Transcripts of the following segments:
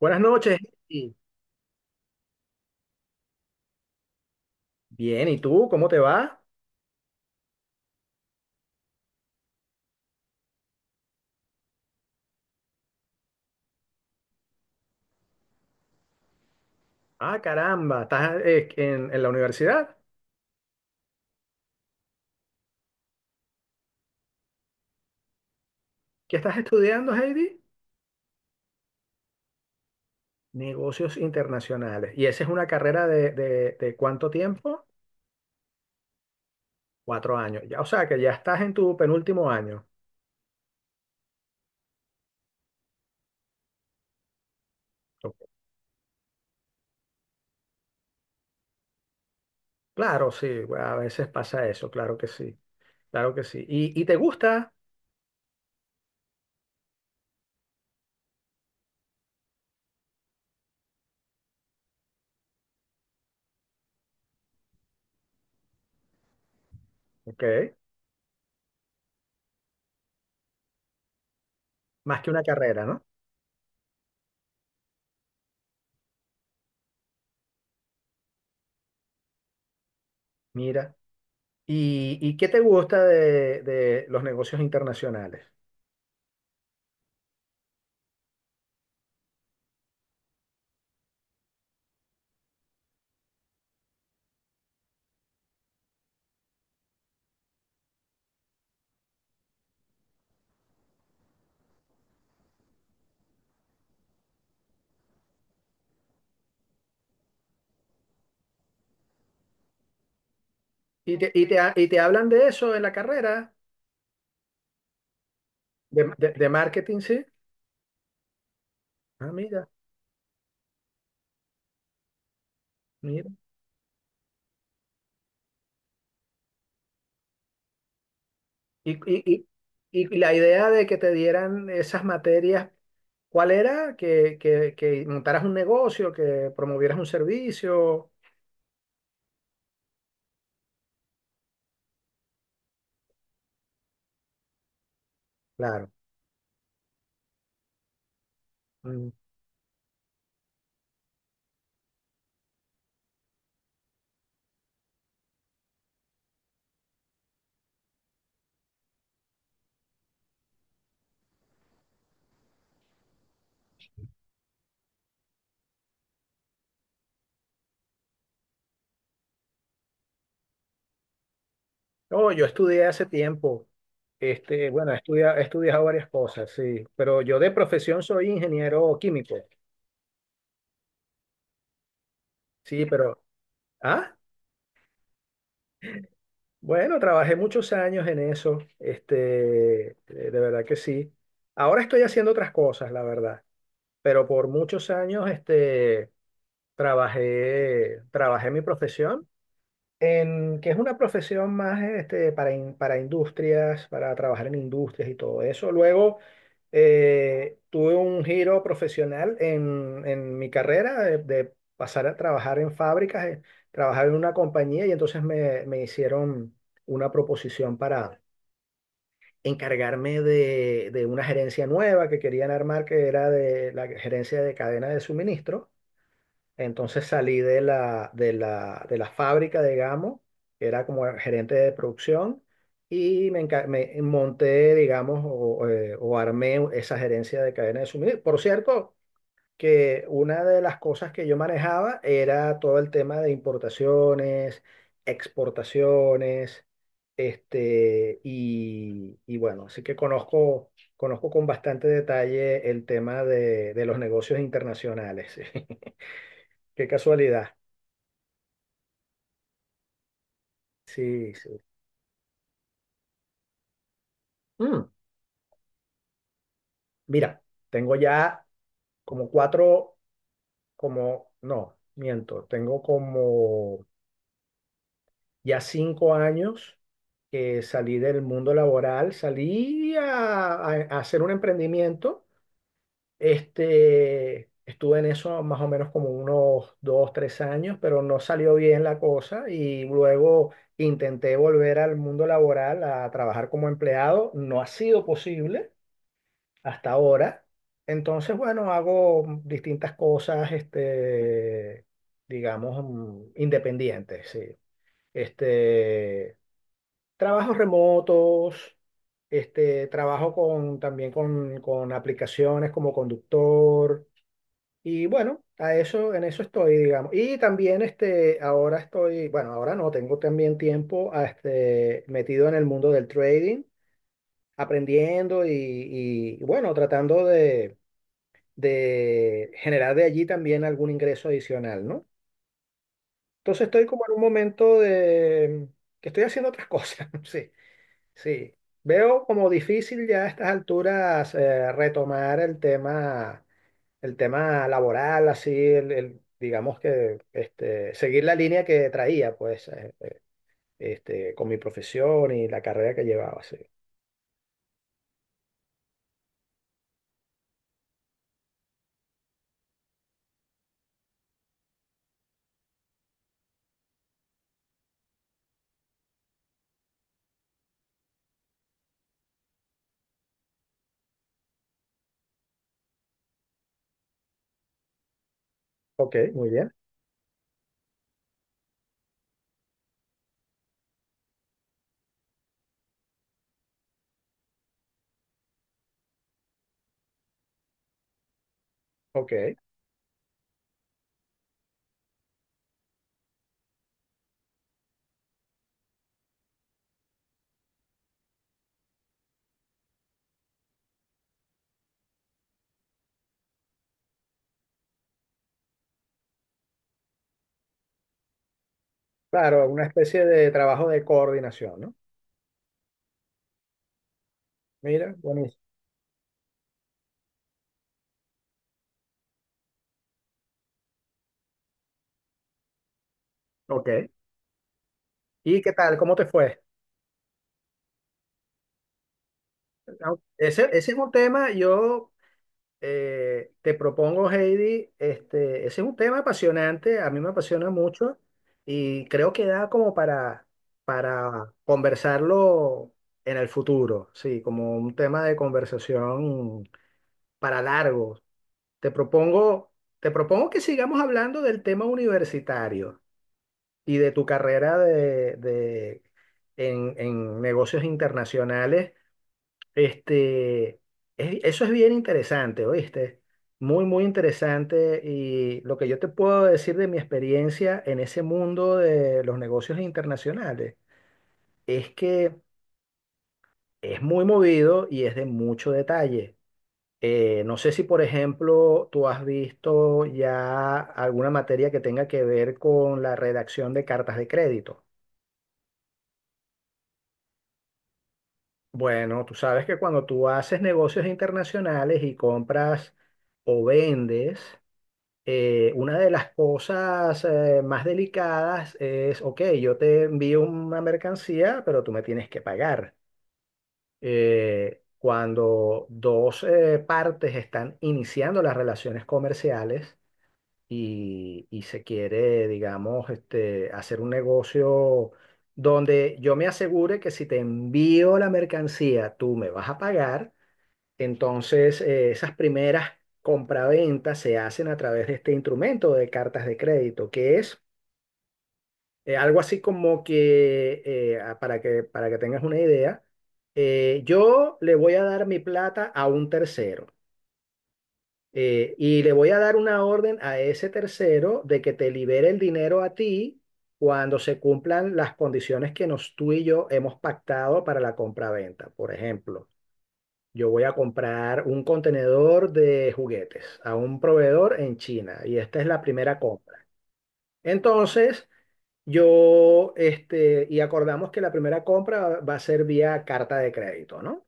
Buenas noches. Heidi. Bien, ¿y tú? ¿Cómo te va? Ah, caramba, ¿estás en la universidad? ¿Qué estás estudiando, Heidi? Negocios internacionales. ¿Y esa es una carrera de cuánto tiempo? 4 años. Ya, o sea, que ya estás en tu penúltimo año. Ok. Claro, sí, bueno, a veces pasa eso, claro que sí, claro que sí. ¿Y te gusta? Ok, más que una carrera, ¿no? Mira. ¿Y qué te gusta de los negocios internacionales? ¿Y te hablan de eso en la carrera? De marketing, sí. Ah, mira, mira. Y, y, y la idea de que te dieran esas materias, ¿cuál era? Que montaras un negocio, que promovieras un servicio. Claro. Mm. No, yo estudié hace tiempo. Este, bueno, he estudiado varias cosas, sí. Pero yo de profesión soy ingeniero químico. Sí, pero. Ah, bueno, trabajé muchos años en eso. De verdad que sí. Ahora estoy haciendo otras cosas, la verdad. Pero por muchos años trabajé mi profesión, que es una profesión más para industrias, para trabajar en industrias y todo eso. Luego tuve un giro profesional en mi carrera de pasar a trabajar en fábricas, trabajar en una compañía y entonces me hicieron una proposición para encargarme de una gerencia nueva que querían armar, que era de la gerencia de cadena de suministro. Entonces salí de la fábrica, digamos, que era como gerente de producción, y me monté, digamos, o armé esa gerencia de cadena de suministro. Por cierto, que una de las cosas que yo manejaba era todo el tema de importaciones, exportaciones, y bueno, así que conozco con bastante detalle el tema de los negocios internacionales. Qué casualidad. Sí, sí. Mm, mira, tengo ya como cuatro, como, no, miento, tengo como ya 5 años que salí del mundo laboral, salí a hacer un emprendimiento. Estuve en eso más o menos como unos dos, tres años, pero no salió bien la cosa y luego intenté volver al mundo laboral a trabajar como empleado. No ha sido posible hasta ahora. Entonces, bueno, hago distintas cosas, digamos, independientes, sí. Este, trabajos remotos, trabajo con aplicaciones como conductor. Y bueno, a eso, en eso estoy, digamos. Y también ahora estoy, bueno, ahora no, tengo también tiempo metido en el mundo del trading, aprendiendo bueno, tratando de generar de allí también algún ingreso adicional, ¿no? Entonces estoy como en un momento de que estoy haciendo otras cosas, sí, sí. Veo como difícil ya a estas alturas retomar el tema laboral, así, digamos que seguir la línea que traía, pues, con mi profesión y la carrera que llevaba, sí. Ok, muy bien, ok. Claro, una especie de trabajo de coordinación, ¿no? Mira, buenísimo. Ok. ¿Y qué tal? ¿Cómo te fue? Ese es un tema, yo te propongo, Heidi, ese es un tema apasionante, a mí me apasiona mucho y creo que da como para, conversarlo en el futuro, sí, como un tema de conversación para largo. Te propongo, te propongo que sigamos hablando del tema universitario y de tu carrera en negocios internacionales. Este, Eso es bien interesante, ¿oíste? Muy, muy interesante. Y lo que yo te puedo decir de mi experiencia en ese mundo de los negocios internacionales es que es muy movido y es de mucho detalle. No sé si, por ejemplo, tú has visto ya alguna materia que tenga que ver con la redacción de cartas de crédito. Bueno, tú sabes que cuando tú haces negocios internacionales y compras o vendes, una de las cosas más delicadas es, ok, yo te envío una mercancía, pero tú me tienes que pagar. Cuando dos partes están iniciando las relaciones comerciales y se quiere, digamos, hacer un negocio donde yo me asegure que si te envío la mercancía, tú me vas a pagar. Entonces, esas primeras compraventas se hacen a través de este instrumento de cartas de crédito, que es algo así como que, para que, tengas una idea, yo le voy a dar mi plata a un tercero, y le voy a dar una orden a ese tercero de que te libere el dinero a ti cuando se cumplan las condiciones que tú y yo hemos pactado para la compraventa, por ejemplo. Yo voy a comprar un contenedor de juguetes a un proveedor en China y esta es la primera compra. Entonces, y acordamos que la primera compra va a ser vía carta de crédito, ¿no?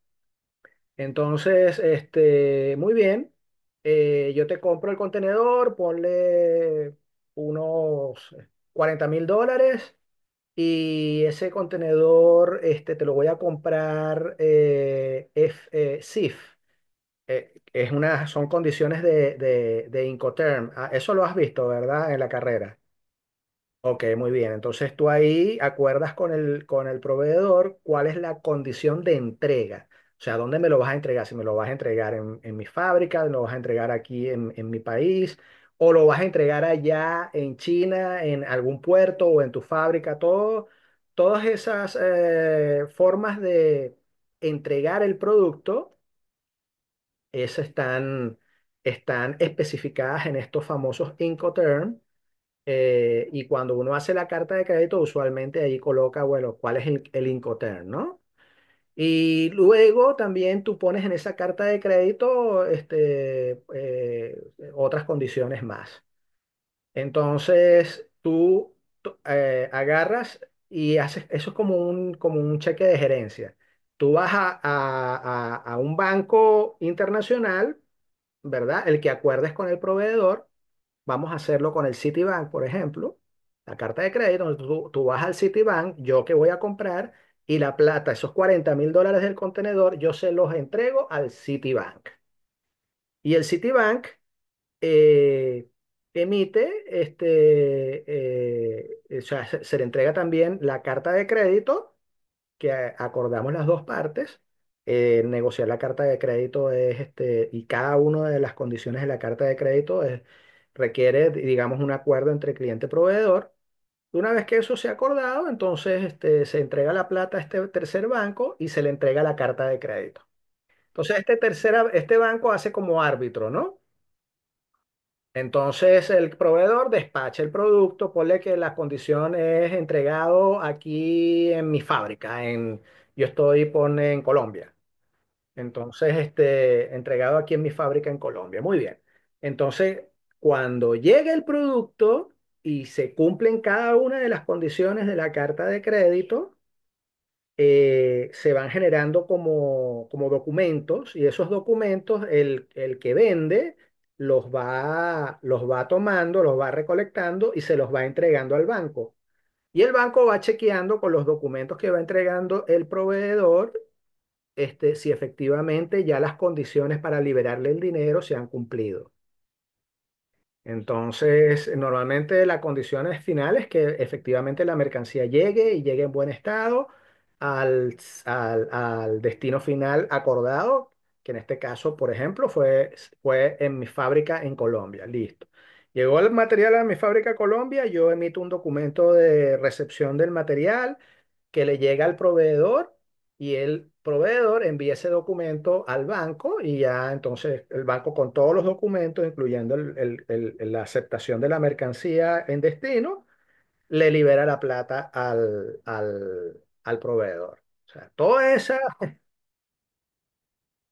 Entonces, muy bien, yo te compro el contenedor, ponle unos $40.000, y ese contenedor, te lo voy a comprar CIF. Es una, son condiciones de Incoterm. Ah, eso lo has visto, ¿verdad? En la carrera. Ok, muy bien. Entonces tú ahí acuerdas con el, proveedor cuál es la condición de entrega. O sea, ¿dónde me lo vas a entregar? Si me lo vas a entregar en, mi fábrica, lo vas a entregar aquí en mi país, o lo vas a entregar allá en China, en algún puerto o en tu fábrica, todas esas formas de entregar el producto, esas están especificadas en estos famosos Incoterms. Y cuando uno hace la carta de crédito, usualmente ahí coloca, bueno, cuál es el Incoterm, ¿no? Y luego también tú pones en esa carta de crédito otras condiciones más. Entonces tú agarras y haces, eso es como como un cheque de gerencia. Tú vas a un banco internacional, ¿verdad? El que acuerdes con el proveedor, vamos a hacerlo con el Citibank, por ejemplo, la carta de crédito, donde tú vas al Citibank, yo que voy a comprar, y la plata, esos $40.000 del contenedor, yo se los entrego al Citibank. Y el Citibank eh, emite, o sea, se le entrega también la carta de crédito que acordamos las dos partes. Negociar la carta de crédito es y cada una de las condiciones de la carta de crédito requiere, digamos, un acuerdo entre cliente y proveedor. Una vez que eso se ha acordado, entonces se entrega la plata a este tercer banco y se le entrega la carta de crédito. Entonces, este banco hace como árbitro, ¿no? Entonces el proveedor despacha el producto, ponle que la condición es entregado aquí en mi fábrica, en, yo estoy pone, en Colombia. Entonces, entregado aquí en mi fábrica en Colombia. Muy bien. Entonces, cuando llegue el producto y se cumplen cada una de las condiciones de la carta de crédito, se van generando como, documentos, y esos documentos el que vende los va tomando, los va recolectando y se los va entregando al banco. Y el banco va chequeando con los documentos que va entregando el proveedor, si efectivamente ya las condiciones para liberarle el dinero se han cumplido. Entonces, normalmente la condición es final es que efectivamente la mercancía llegue y llegue en buen estado al, al destino final acordado, que en este caso, por ejemplo, fue en mi fábrica en Colombia. Listo. Llegó el material a mi fábrica Colombia, yo emito un documento de recepción del material que le llega al proveedor, y el proveedor envía ese documento al banco y ya entonces el banco con todos los documentos, incluyendo la aceptación de la mercancía en destino, le libera la plata al proveedor. O sea, todo esa,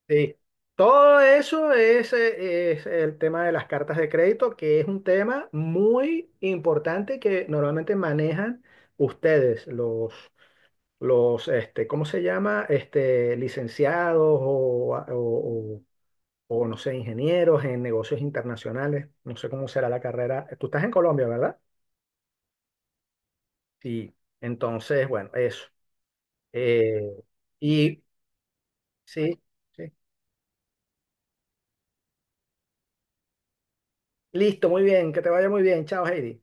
sí, todo eso es el tema de las cartas de crédito, que es un tema muy importante que normalmente manejan ustedes, ¿cómo se llama? Licenciados o, no sé, ingenieros en negocios internacionales. No sé cómo será la carrera. Tú estás en Colombia, ¿verdad? Sí. Entonces, bueno, eso. Eh, y sí, sí. Listo, muy bien. Que te vaya muy bien. Chao, Heidi.